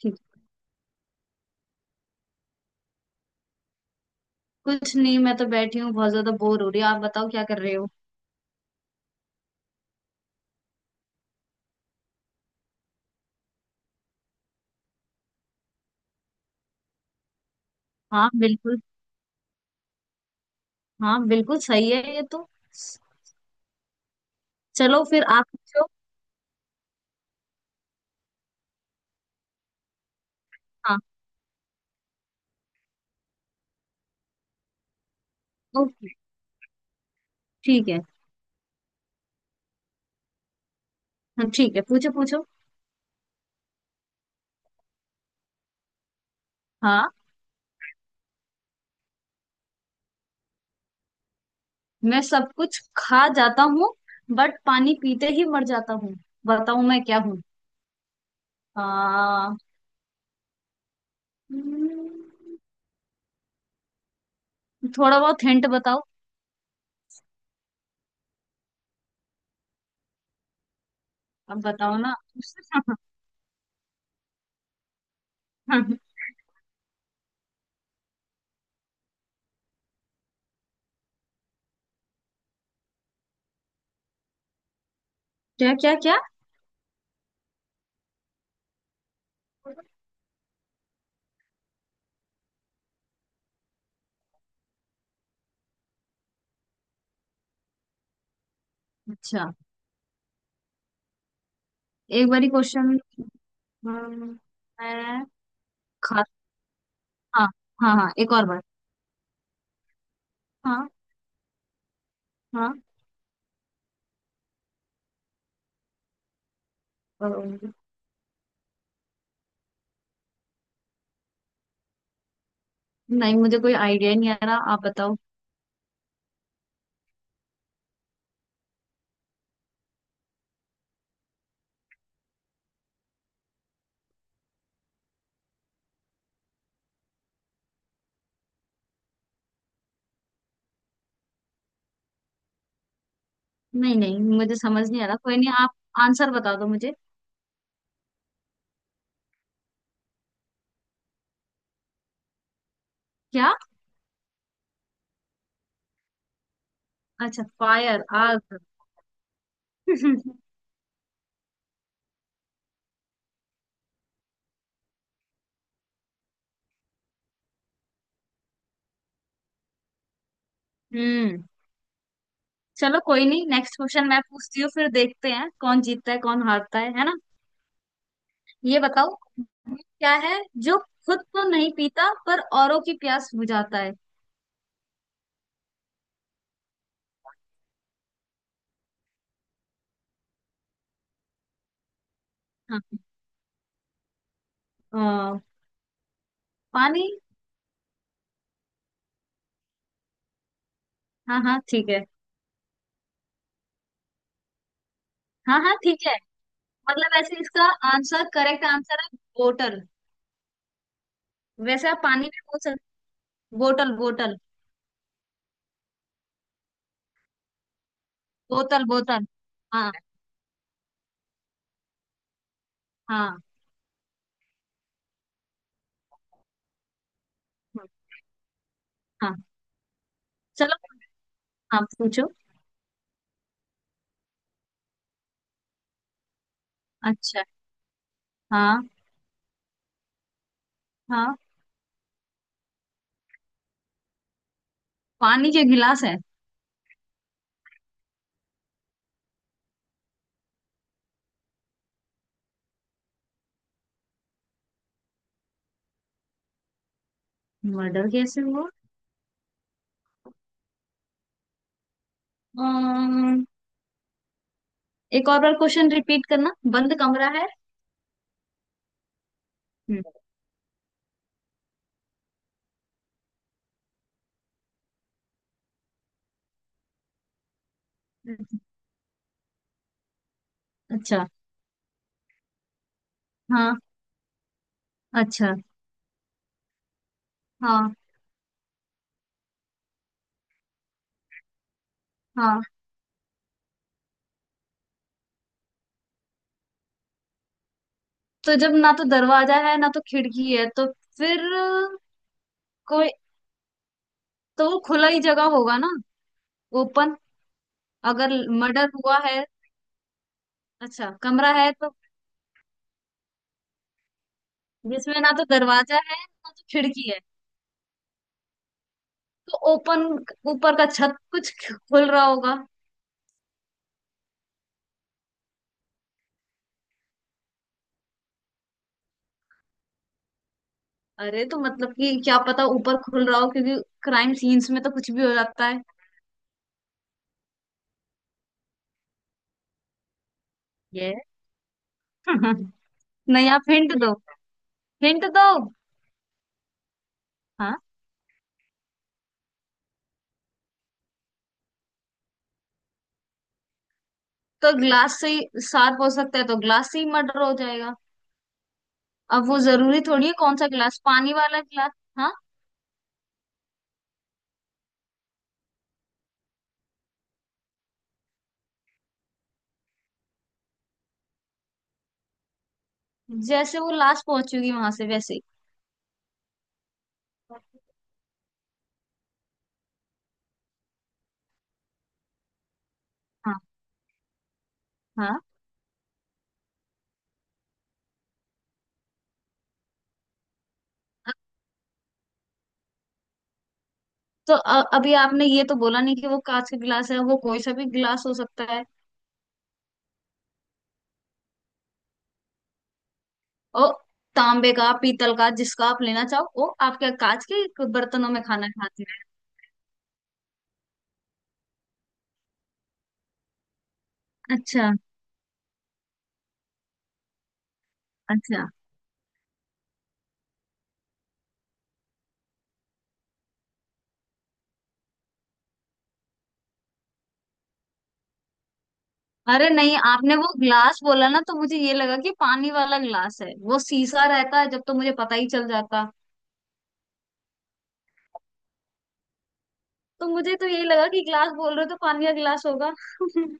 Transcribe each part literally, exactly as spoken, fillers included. ठीक। कुछ नहीं, मैं तो बैठी हूँ, बहुत ज्यादा बोर हो रही हूँ। आप बताओ क्या कर रहे हो। हाँ बिल्कुल। हाँ बिल्कुल सही है ये तो। चलो फिर आप पूछो। हाँ। ओके। ठीक है। हाँ ठीक है, पूछो पूछो। हाँ। मैं सब कुछ खा जाता हूँ, बट पानी पीते ही मर जाता हूँ। बताओ मैं क्या हूँ। आ, हम्म, थोड़ा बहुत हिंट बताओ। अब बताओ ना। क्या क्या क्या। अच्छा। एक बारी क्वेश्चन। मैं खाता। हाँ। हाँ हाँ, एक और बार। हाँ। हाँ। अम, नहीं मुझे कोई आइडिया नहीं आ रहा, आप बताओ। नहीं नहीं, मुझे समझ नहीं आ रहा, कोई नहीं, आप आंसर बता दो मुझे। क्या। अच्छा फायर आग। हम्म। चलो कोई नहीं, नेक्स्ट क्वेश्चन मैं पूछती हूँ, फिर देखते हैं कौन जीतता है कौन हारता है है ना। ये बताओ, वो क्या है जो खुद तो नहीं पीता पर औरों की प्यास बुझाता है। हाँ। अ, पानी। हाँ हाँ ठीक है। हाँ हाँ ठीक है। मतलब ऐसे इसका आंसर, करेक्ट आंसर है वाटर। वैसे आप पानी में बोल सकते, बोतल बोतल बोतल बोतल। हाँ हाँ हाँ। हाँ। चलो, आप पूछो। अच्छा। हाँ। हाँ, पानी के गिलास है। मर्डर कैसे हुआ। अम्म, एक और बार क्वेश्चन रिपीट करना, बंद कमरा है। हम्म। अच्छा। हाँ। अच्छा। हाँ। हाँ, तो जब ना तो दरवाजा है ना तो खिड़की है, तो फिर कोई, तो वो खुला ही जगह होगा ना, ओपन। अगर मर्डर हुआ है। अच्छा, कमरा है तो जिसमें ना तो दरवाजा है ना तो खिड़की है, तो ओपन ऊपर का छत कुछ खुल रहा होगा। अरे, तो मतलब कि क्या पता ऊपर खुल रहा हो, क्योंकि क्राइम सीन्स में तो कुछ भी हो जाता है। ये नहीं, आप हिंट दो, हिंट दो। हाँ तो ग्लास से ही सार्प हो सकता है, तो ग्लास से ही मर्डर हो जाएगा। अब वो जरूरी थोड़ी है कौन सा ग्लास, पानी वाला ग्लास। हाँ, जैसे वो लास्ट पहुंचेगी वहां से वैसे ही। हाँ। हाँ, तो अ- अभी आपने ये तो बोला नहीं कि वो कांच का गिलास है, वो कोई सा भी गिलास हो सकता है। और तांबे का, पीतल का, जिसका आप लेना चाहो, वो आपके कांच के बर्तनों में खाना खाते हैं। अच्छा। अच्छा। अरे नहीं, आपने वो ग्लास बोला ना, तो मुझे ये लगा कि पानी वाला ग्लास है, वो शीशा रहता है जब, तो मुझे पता ही चल जाता। तो मुझे तो यही लगा कि ग्लास बोल रहे हो, तो पानी का ग्लास होगा।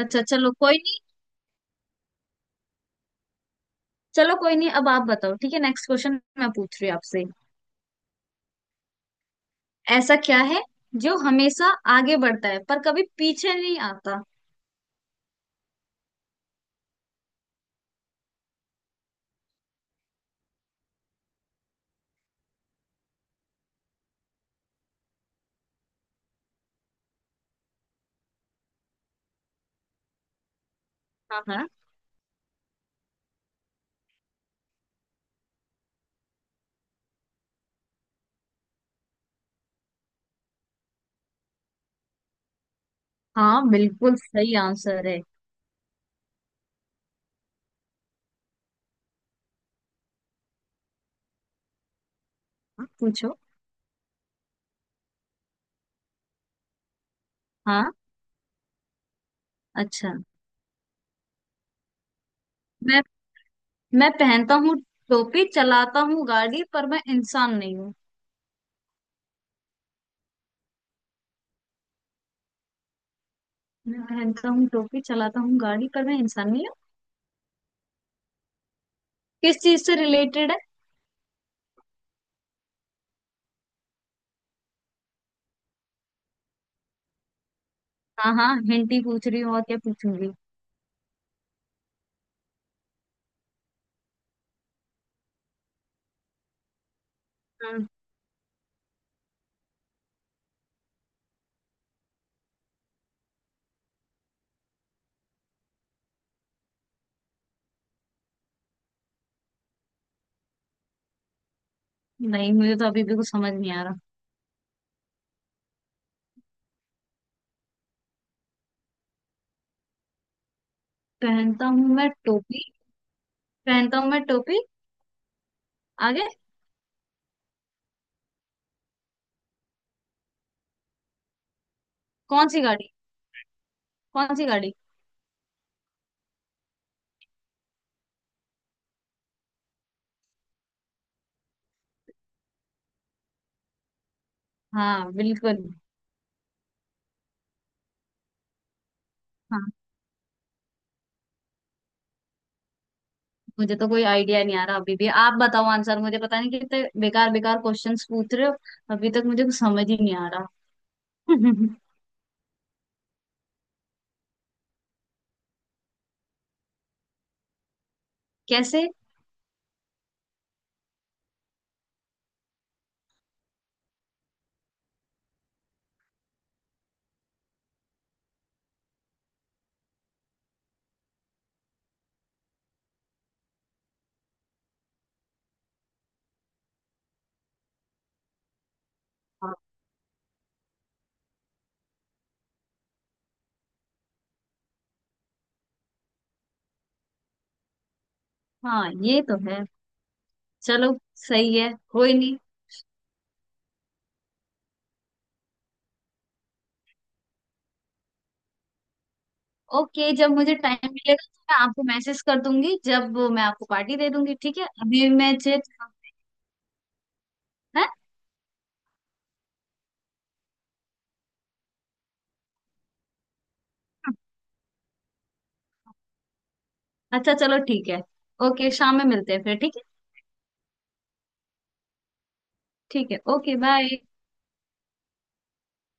अच्छा चलो कोई नहीं। चलो कोई नहीं, अब आप बताओ, ठीक है, नेक्स्ट क्वेश्चन मैं पूछ रही हूँ आपसे। ऐसा क्या है जो हमेशा आगे बढ़ता है पर कभी पीछे नहीं आता। हाँ। हाँ हाँ बिल्कुल सही आंसर है। हाँ, पूछो। हाँ। अच्छा। मैं मैं पहनता हूँ टोपी, चलाता हूँ गाड़ी, पर मैं इंसान नहीं हूँ। मैं पहनता हूँ टोपी, चलाता हूँ गाड़ी, पर मैं इंसान नहीं हूँ। किस चीज से रिलेटेड है। हाँ हाँ, हिंट ही पूछ रही हूँ, और क्या पूछूंगी। हम्म, नहीं, मुझे तो अभी भी कुछ समझ नहीं आ रहा। पहनता हूँ मैं टोपी, पहनता हूँ मैं टोपी। आगे। कौन सी गाड़ी, कौन सी गाड़ी। हाँ बिल्कुल। हाँ, मुझे तो कोई आइडिया नहीं आ रहा अभी भी, आप बताओ आंसर, मुझे पता नहीं कितने बेकार बेकार क्वेश्चंस पूछ रहे हो। अभी तक मुझे कुछ समझ ही नहीं आ रहा। कैसे। हाँ। हाँ, ये तो है। चलो सही है, कोई नहीं। ओके, जब मुझे टाइम मिलेगा तो मैं आपको मैसेज कर दूंगी, जब मैं आपको पार्टी दे दूंगी, ठीक है, अभी मैं चेक। है। अच्छा चलो ठीक है। ओके, शाम में मिलते हैं फिर, ठीक है। ठीक है, ओके बाय।